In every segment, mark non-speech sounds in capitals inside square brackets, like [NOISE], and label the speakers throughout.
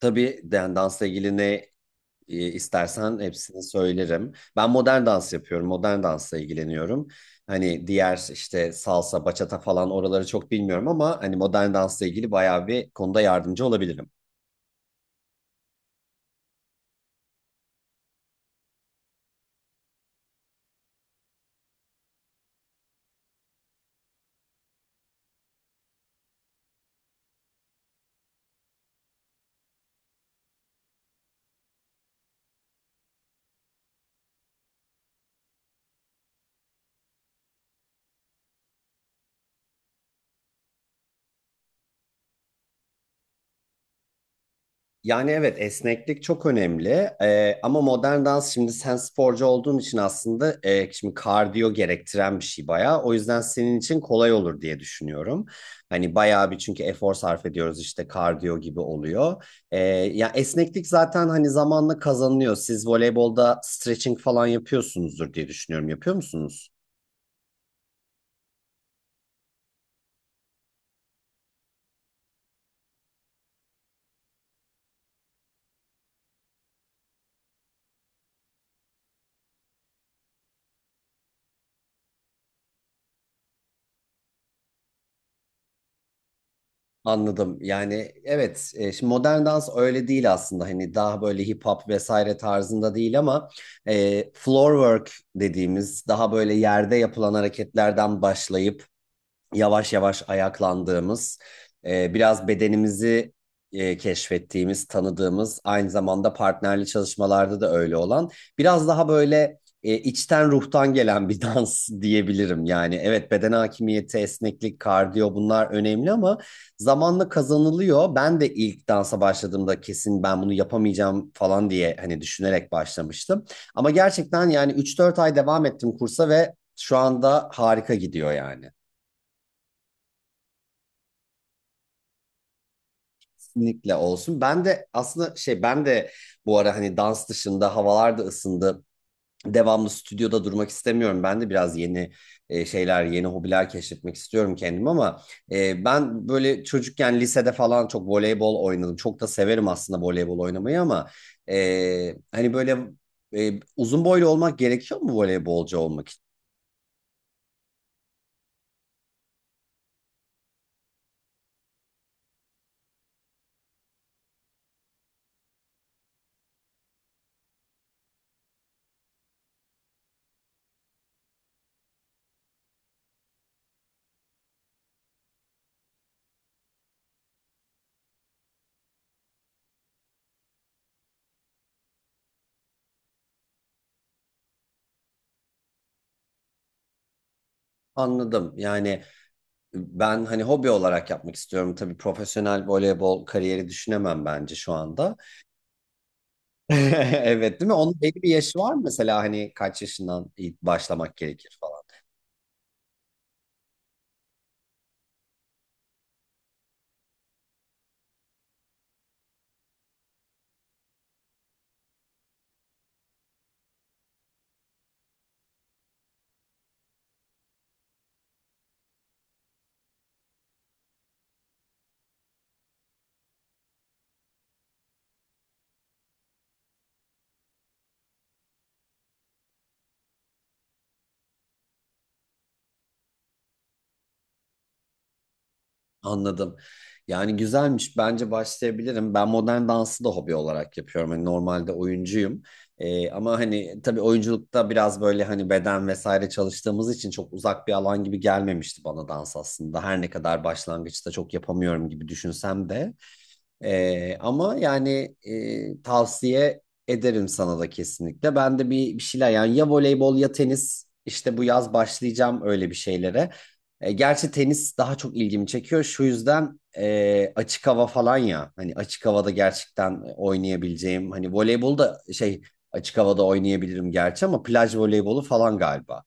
Speaker 1: Tabii yani dansla ilgili istersen hepsini söylerim. Ben modern dans yapıyorum. Modern dansla ilgileniyorum. Hani diğer işte salsa, bachata falan oraları çok bilmiyorum ama hani modern dansla ilgili bayağı bir konuda yardımcı olabilirim. Yani evet, esneklik çok önemli. Ama modern dans, şimdi sen sporcu olduğun için aslında, şimdi kardiyo gerektiren bir şey bayağı. O yüzden senin için kolay olur diye düşünüyorum. Hani bayağı bir, çünkü efor sarf ediyoruz, işte kardiyo gibi oluyor. Ee, Ya esneklik zaten hani zamanla kazanılıyor. Siz voleybolda stretching falan yapıyorsunuzdur diye düşünüyorum. Yapıyor musunuz? Anladım. Yani evet, şimdi modern dans öyle değil aslında. Hani daha böyle hip hop vesaire tarzında değil ama floor work dediğimiz daha böyle yerde yapılan hareketlerden başlayıp yavaş yavaş ayaklandığımız, biraz bedenimizi keşfettiğimiz, tanıdığımız, aynı zamanda partnerli çalışmalarda da öyle olan, biraz daha böyle içten ruhtan gelen bir [LAUGHS] dans diyebilirim. Yani evet, beden hakimiyeti, esneklik, kardiyo bunlar önemli ama zamanla kazanılıyor. Ben de ilk dansa başladığımda kesin ben bunu yapamayacağım falan diye hani düşünerek başlamıştım. Ama gerçekten yani üç dört ay devam ettim kursa ve şu anda harika gidiyor yani. Kesinlikle olsun. Ben de aslında şey, ben de bu ara hani dans dışında havalar da ısındı. Devamlı stüdyoda durmak istemiyorum. Ben de biraz yeni şeyler, yeni hobiler keşfetmek istiyorum kendim ama ben böyle çocukken lisede falan çok voleybol oynadım. Çok da severim aslında voleybol oynamayı ama hani böyle uzun boylu olmak gerekiyor mu voleybolcu olmak için? Anladım. Yani ben hani hobi olarak yapmak istiyorum. Tabii profesyonel voleybol kariyeri düşünemem bence şu anda. [LAUGHS] Evet değil mi? Onun belli bir yaşı var mı mesela, hani kaç yaşından ilk başlamak gerekir falan. Anladım. Yani güzelmiş. Bence başlayabilirim. Ben modern dansı da hobi olarak yapıyorum. Hani normalde oyuncuyum. Ama hani tabii oyunculukta biraz böyle hani beden vesaire çalıştığımız için çok uzak bir alan gibi gelmemişti bana dans aslında. Her ne kadar başlangıçta çok yapamıyorum gibi düşünsem de. Tavsiye ederim sana da kesinlikle. Ben de bir şeyler yani ya voleybol ya tenis, işte bu yaz başlayacağım öyle bir şeylere. E, gerçi tenis daha çok ilgimi çekiyor. Şu yüzden açık hava falan, ya hani açık havada gerçekten oynayabileceğim. Hani voleybol da şey, açık havada oynayabilirim gerçi ama plaj voleybolu falan galiba.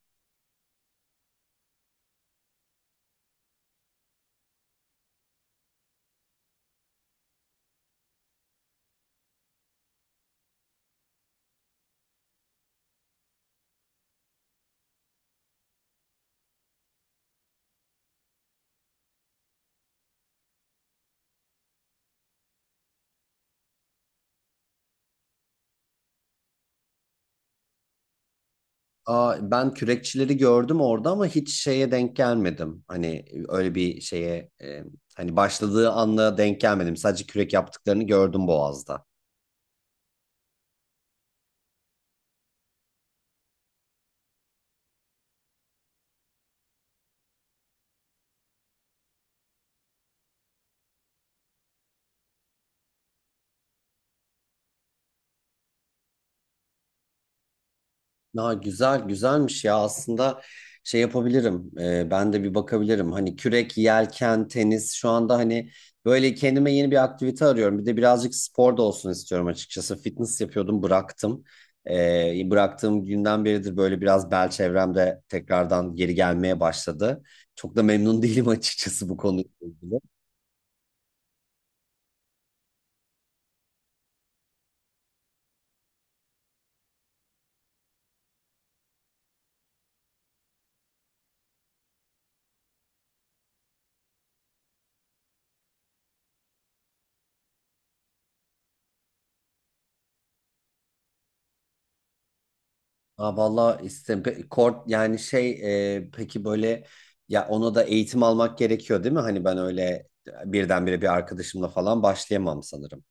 Speaker 1: Aa, ben kürekçileri gördüm orada ama hiç şeye denk gelmedim. Hani öyle bir şeye hani başladığı anla denk gelmedim. Sadece kürek yaptıklarını gördüm Boğaz'da. Ya güzel, güzelmiş ya aslında, şey yapabilirim. Ben de bir bakabilirim, hani kürek, yelken, tenis. Şu anda hani böyle kendime yeni bir aktivite arıyorum, bir de birazcık spor da olsun istiyorum açıkçası. Fitness yapıyordum, bıraktım. Bıraktığım günden beridir böyle biraz bel çevremde tekrardan geri gelmeye başladı, çok da memnun [LAUGHS] değilim açıkçası bu konuyla ilgili. Aa, vallahi kort, yani şey, peki böyle, ya ona da eğitim almak gerekiyor değil mi? Hani ben öyle birdenbire bir arkadaşımla falan başlayamam sanırım.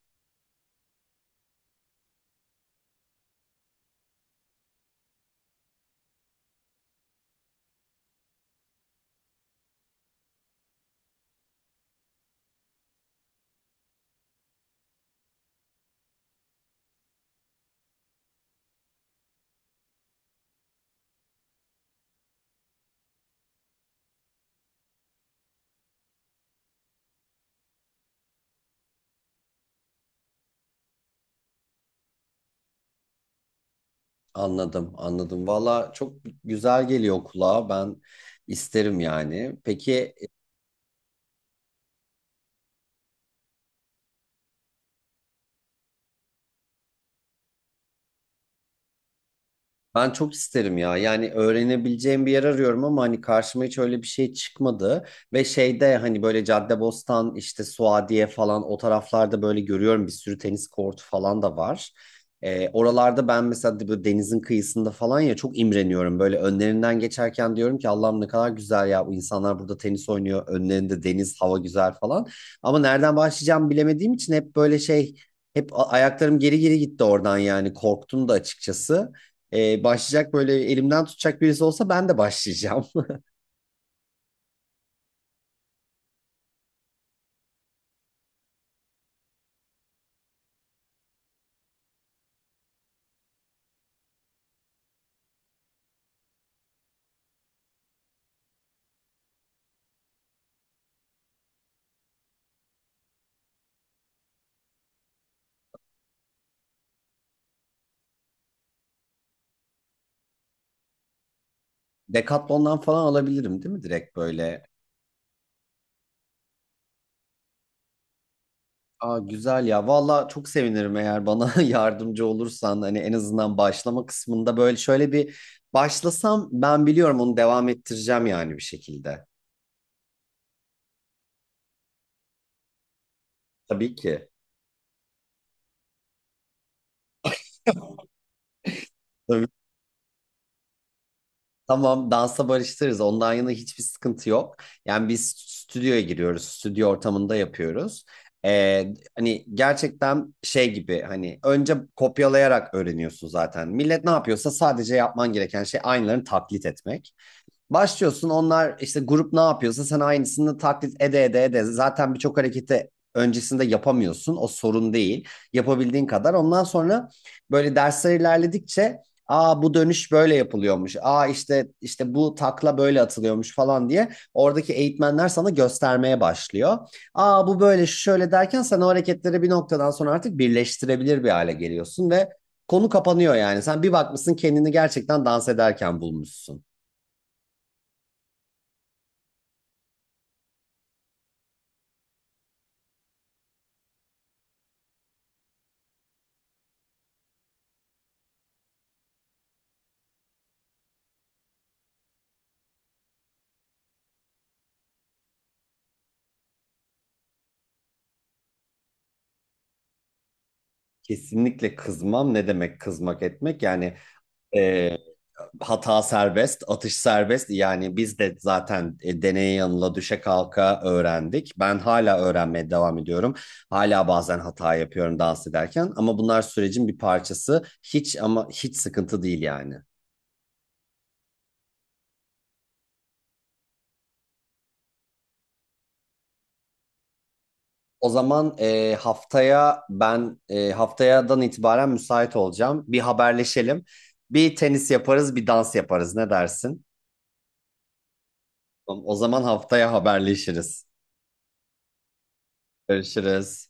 Speaker 1: Anladım, anladım. Valla çok güzel geliyor kulağa. Ben isterim yani. Peki. Ben çok isterim ya. Yani öğrenebileceğim bir yer arıyorum ama hani karşıma hiç öyle bir şey çıkmadı. Ve şeyde hani böyle Caddebostan, işte Suadiye falan, o taraflarda böyle görüyorum, bir sürü tenis kortu falan da var. Oralarda ben mesela böyle denizin kıyısında falan, ya çok imreniyorum. Böyle önlerinden geçerken diyorum ki, Allah'ım ne kadar güzel ya, bu insanlar burada tenis oynuyor. Önlerinde deniz, hava güzel falan. Ama nereden başlayacağımı bilemediğim için hep böyle şey, hep ayaklarım geri geri gitti oradan, yani korktum da açıkçası. Başlayacak böyle elimden tutacak birisi olsa ben de başlayacağım. [LAUGHS] Decathlon'dan falan alabilirim değil mi direkt böyle? Aa, güzel ya. Valla çok sevinirim eğer bana [LAUGHS] yardımcı olursan. Hani en azından başlama kısmında böyle, şöyle bir başlasam ben, biliyorum onu devam ettireceğim yani bir şekilde. Tabii ki. [LAUGHS] Tabii, tamam, dansa barıştırırız. Ondan yana hiçbir sıkıntı yok. Yani biz stüdyoya giriyoruz. Stüdyo ortamında yapıyoruz. Hani gerçekten şey gibi, hani önce kopyalayarak öğreniyorsun zaten. Millet ne yapıyorsa sadece yapman gereken şey aynılarını taklit etmek. Başlıyorsun, onlar işte grup ne yapıyorsa sen aynısını taklit ede ede ede. Zaten birçok hareketi öncesinde yapamıyorsun. O sorun değil. Yapabildiğin kadar. Ondan sonra böyle dersler ilerledikçe, aa bu dönüş böyle yapılıyormuş, aa işte işte bu takla böyle atılıyormuş falan diye oradaki eğitmenler sana göstermeye başlıyor. Aa bu böyle, şu şöyle derken sen o hareketleri bir noktadan sonra artık birleştirebilir bir hale geliyorsun ve konu kapanıyor yani. Sen bir bakmışsın kendini gerçekten dans ederken bulmuşsun. Kesinlikle kızmam. Ne demek kızmak etmek? Yani e, hata serbest, atış serbest. Yani biz de zaten deneye yanıla, düşe kalka öğrendik. Ben hala öğrenmeye devam ediyorum. Hala bazen hata yapıyorum dans ederken. Ama bunlar sürecin bir parçası. Hiç ama hiç sıkıntı değil yani. O zaman haftaya ben, haftayadan itibaren müsait olacağım. Bir haberleşelim. Bir tenis yaparız, bir dans yaparız. Ne dersin? O zaman haftaya haberleşiriz. Görüşürüz.